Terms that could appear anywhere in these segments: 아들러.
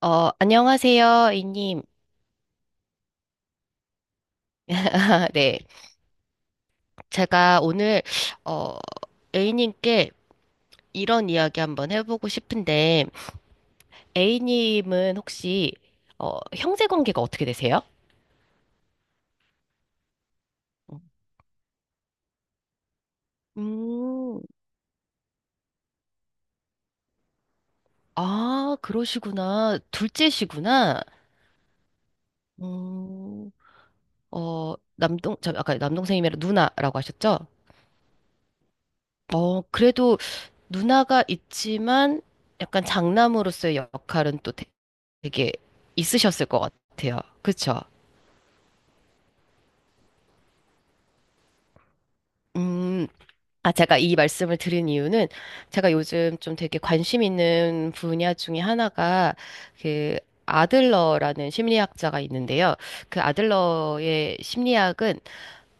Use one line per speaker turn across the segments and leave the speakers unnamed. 안녕하세요, A님. 네. 제가 오늘, 어, A님께 이런 이야기 한번 해보고 싶은데, A님은 혹시, 형제 관계가 어떻게 되세요? 음, 아, 그러시구나. 둘째시구나. 음, 저 아까 남동생이면 누나라고 하셨죠? 그래도 누나가 있지만 약간 장남으로서의 역할은 또 되게 있으셨을 것 같아요. 그쵸? 음, 아, 제가 이 말씀을 드린 이유는 제가 요즘 좀 되게 관심 있는 분야 중에 하나가 그 아들러라는 심리학자가 있는데요. 그 아들러의 심리학은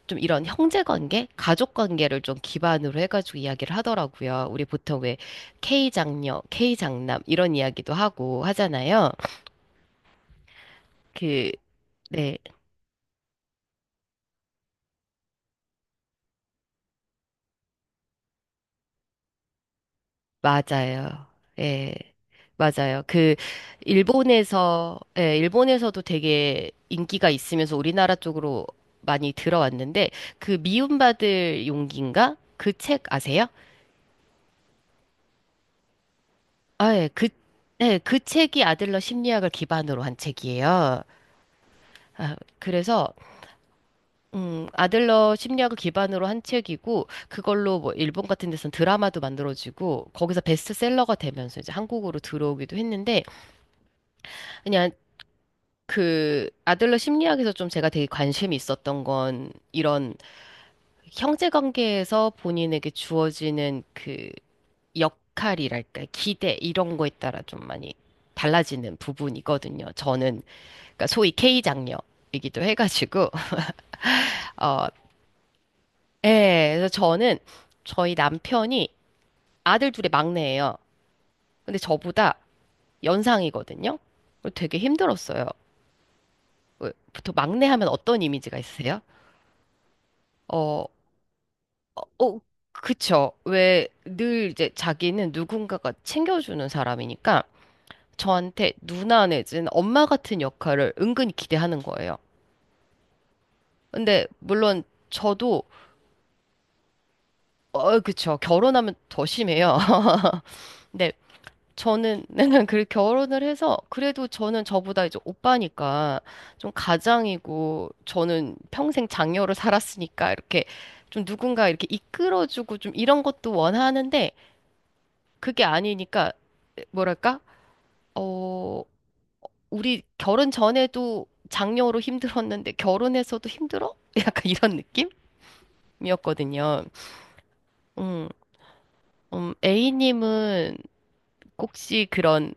좀 이런 형제 관계, 가족 관계를 좀 기반으로 해가지고 이야기를 하더라고요. 우리 보통 왜 K 장녀, K 장남 이런 이야기도 하고 하잖아요. 그, 네, 맞아요. 예. 맞아요. 그 일본에서 예, 일본에서도 되게 인기가 있으면서 우리나라 쪽으로 많이 들어왔는데 그 미움받을 용기인가? 그 책 아세요? 아, 예, 네, 그 책이 아들러 심리학을 기반으로 한 책이에요. 아, 그래서 아들러 심리학을 기반으로 한 책이고 그걸로 뭐 일본 같은 데서는 드라마도 만들어지고 거기서 베스트셀러가 되면서 이제 한국으로 들어오기도 했는데 그냥 그 아들러 심리학에서 좀 제가 되게 관심이 있었던 건 이런 형제 관계에서 본인에게 주어지는 그 역할이랄까 기대 이런 거에 따라 좀 많이 달라지는 부분이거든요. 저는 그러니까 소위 K 장녀이기도 해가지고. 어, 예, 그래서 저는 저희 남편이 아들 둘의 막내예요. 근데 저보다 연상이거든요. 되게 힘들었어요. 보통 막내 하면 어떤 이미지가 있으세요? 어, 어, 어, 그쵸. 왜 늘 이제 자기는 누군가가 챙겨주는 사람이니까 저한테 누나 내지는 엄마 같은 역할을 은근히 기대하는 거예요. 근데 물론 저도. 어, 그쵸. 결혼하면 더 심해요. 근데 저는 그 결혼을 해서 그래도 저는 저보다 이제 오빠니까 좀 가장이고 저는 평생 장녀로 살았으니까 이렇게 좀 누군가 이렇게 이끌어주고 좀 이런 것도 원하는데 그게 아니니까 뭐랄까? 어, 우리 결혼 전에도 장녀로 힘들었는데 결혼해서도 힘들어? 약간 이런 느낌이었거든요. 음, A님은 혹시 그런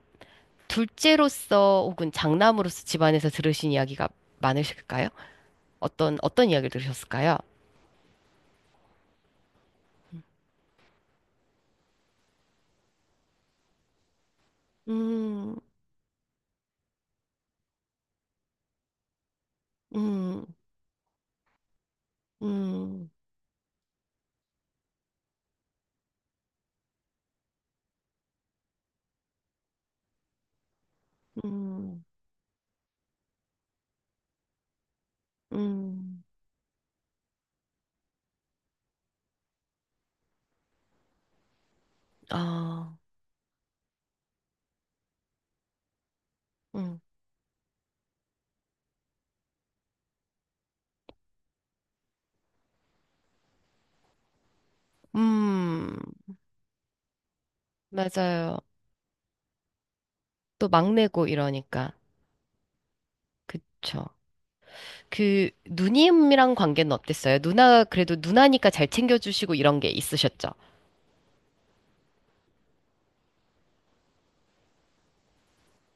둘째로서 혹은 장남으로서 집안에서 들으신 이야기가 많으실까요? 어떤 이야기를 들으셨을까요? 음, 음, 음, 음, 음, 아, 음, 음, 맞아요. 또 막내고 이러니까. 그쵸. 누님이랑 관계는 어땠어요? 누나, 그래도 누나니까 잘 챙겨주시고 이런 게 있으셨죠?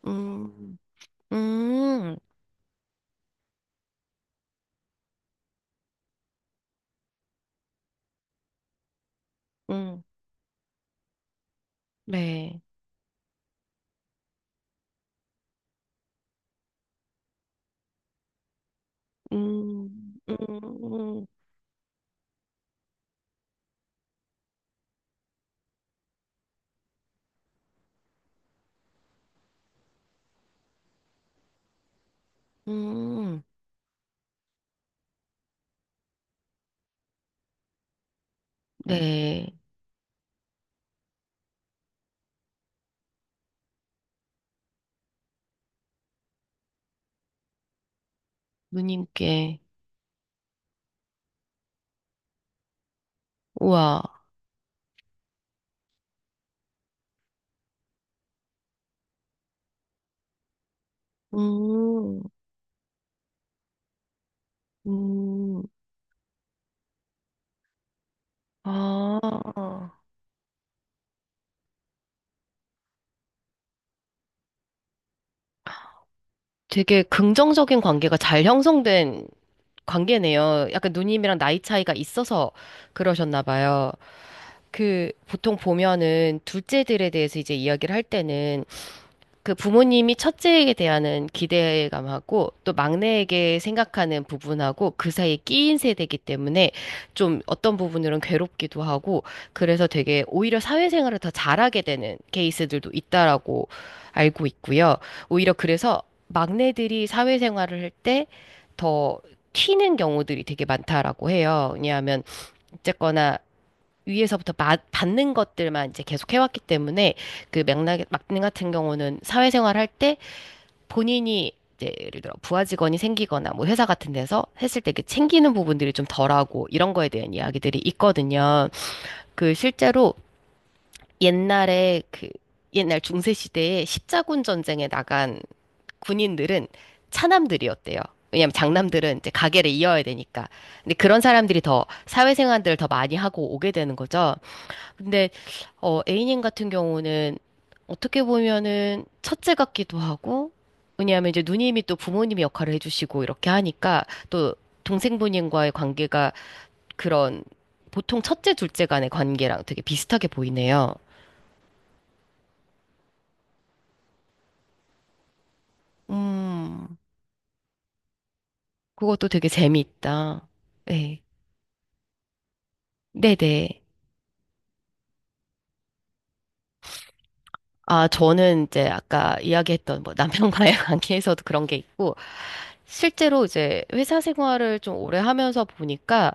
음, 음, 음, 네. 음, 음, 음, 음. 네. 누님께. 우와. 음, 음, 아. 되게 긍정적인 관계가 잘 형성된 관계네요. 약간 누님이랑 나이 차이가 있어서 그러셨나 봐요. 그 보통 보면은 둘째들에 대해서 이제 이야기를 할 때는 그 부모님이 첫째에게 대한 기대감하고 또 막내에게 생각하는 부분하고 그 사이에 끼인 세대이기 때문에 좀 어떤 부분으로는 괴롭기도 하고 그래서 되게 오히려 사회생활을 더 잘하게 되는 케이스들도 있다라고 알고 있고요. 오히려 그래서 막내들이 사회생활을 할 때 더 튀는 경우들이 되게 많다라고 해요. 왜냐하면 어쨌거나 위에서부터 받는 것들만 이제 계속 해왔기 때문에 그 맥락 막내 같은 경우는 사회생활 할 때 본인이 이제 예를 들어 부하 직원이 생기거나 뭐 회사 같은 데서 했을 때 이렇게 챙기는 부분들이 좀 덜하고 이런 거에 대한 이야기들이 있거든요. 그 실제로 옛날에 그 옛날 중세 시대에 십자군 전쟁에 나간 군인들은 차남들이었대요. 왜냐면 장남들은 이제 가게를 이어야 되니까. 근데 그런 사람들이 더 사회생활들을 더 많이 하고 오게 되는 거죠. 근데 A님 같은 경우는 어떻게 보면은 첫째 같기도 하고, 왜냐하면 이제 누님이 또 부모님 역할을 해주시고 이렇게 하니까 또 동생분과의 관계가 그런 보통 첫째, 둘째 간의 관계랑 되게 비슷하게 보이네요. 음, 그것도 되게 재미있다. 네. 네네. 아, 저는 이제 아까 이야기했던 뭐 남편과의 관계에서도 그런 게 있고, 실제로 이제 회사 생활을 좀 오래 하면서 보니까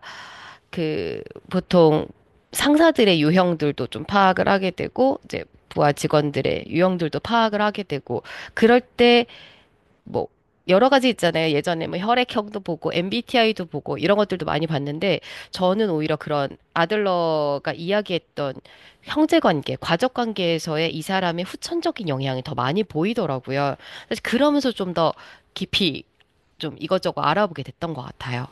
그 보통 상사들의 유형들도 좀 파악을 하게 되고 이제 부하 직원들의 유형들도 파악을 하게 되고 그럴 때 뭐 여러 가지 있잖아요. 예전에 뭐 혈액형도 보고 MBTI도 보고 이런 것들도 많이 봤는데 저는 오히려 그런 아들러가 이야기했던 형제 관계, 가족 관계에서의 이 사람의 후천적인 영향이 더 많이 보이더라고요. 사실 그러면서 좀 더 깊이 좀 이것저것 알아보게 됐던 것 같아요.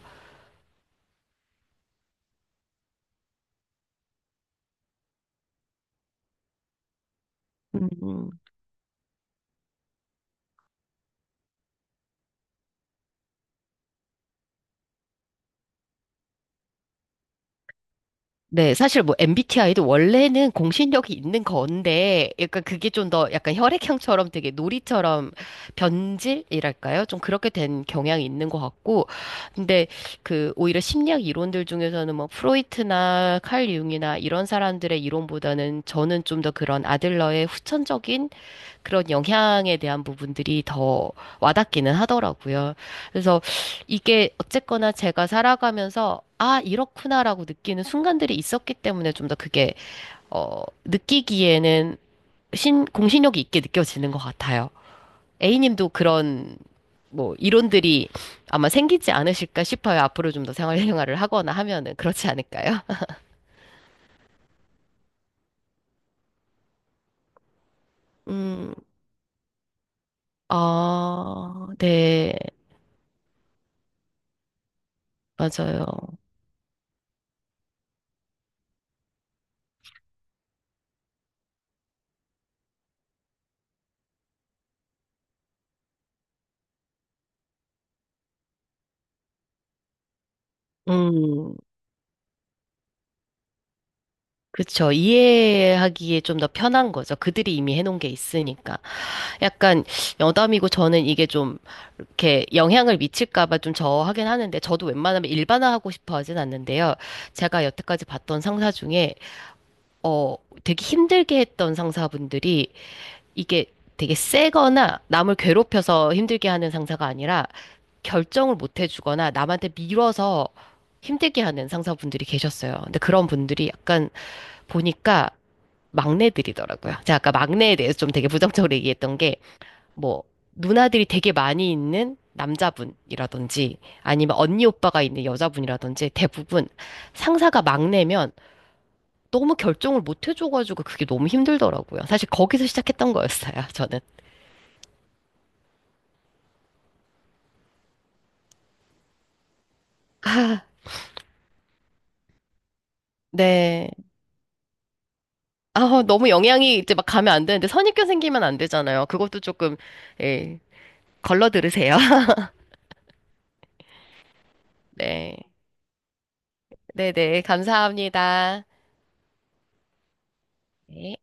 음, 네, 사실 뭐 MBTI도 원래는 공신력이 있는 건데, 약간 그게 좀 더 약간 혈액형처럼 되게 놀이처럼 변질이랄까요? 좀 그렇게 된 경향이 있는 것 같고, 근데 오히려 심리학 이론들 중에서는 뭐 프로이트나 칼 융이나 이런 사람들의 이론보다는 저는 좀 더 그런 아들러의 후천적인 그런 영향에 대한 부분들이 더 와닿기는 하더라고요. 그래서 이게 어쨌거나 제가 살아가면서 아, 이렇구나라고 느끼는 순간들이 있었기 때문에 좀 더 그게 느끼기에는 공신력이 있게 느껴지는 것 같아요. A님도 그런 뭐 이론들이 아마 생기지 않으실까 싶어요. 앞으로 좀 더 생활을 하거나 하면은 그렇지 않을까요? 음, 아, 네, 맞아요. 음. 그쵸. 이해하기에 좀 더 편한 거죠. 그들이 이미 해놓은 게 있으니까. 약간 여담이고 저는 이게 좀 이렇게 영향을 미칠까 봐 좀 저하긴 하는데 저도 웬만하면 일반화하고 싶어 하진 않는데요. 제가 여태까지 봤던 상사 중에 어 되게 힘들게 했던 상사분들이 이게 되게 세거나 남을 괴롭혀서 힘들게 하는 상사가 아니라 결정을 못 해주거나 남한테 밀어서 힘들게 하는 상사분들이 계셨어요. 근데 그런 분들이 약간 보니까 막내들이더라고요. 제가 아까 막내에 대해서 좀 되게 부정적으로 얘기했던 게, 뭐, 누나들이 되게 많이 있는 남자분이라든지, 아니면 언니 오빠가 있는 여자분이라든지, 대부분 상사가 막내면 너무 결정을 못 해줘가지고 그게 너무 힘들더라고요. 사실 거기서 시작했던 거였어요, 저는. 아, 네. 아, 너무 영향이 이제 막 가면 안 되는데, 선입견 생기면 안 되잖아요. 그것도 조금, 예, 걸러 들으세요. 네. 네네. 감사합니다. 네.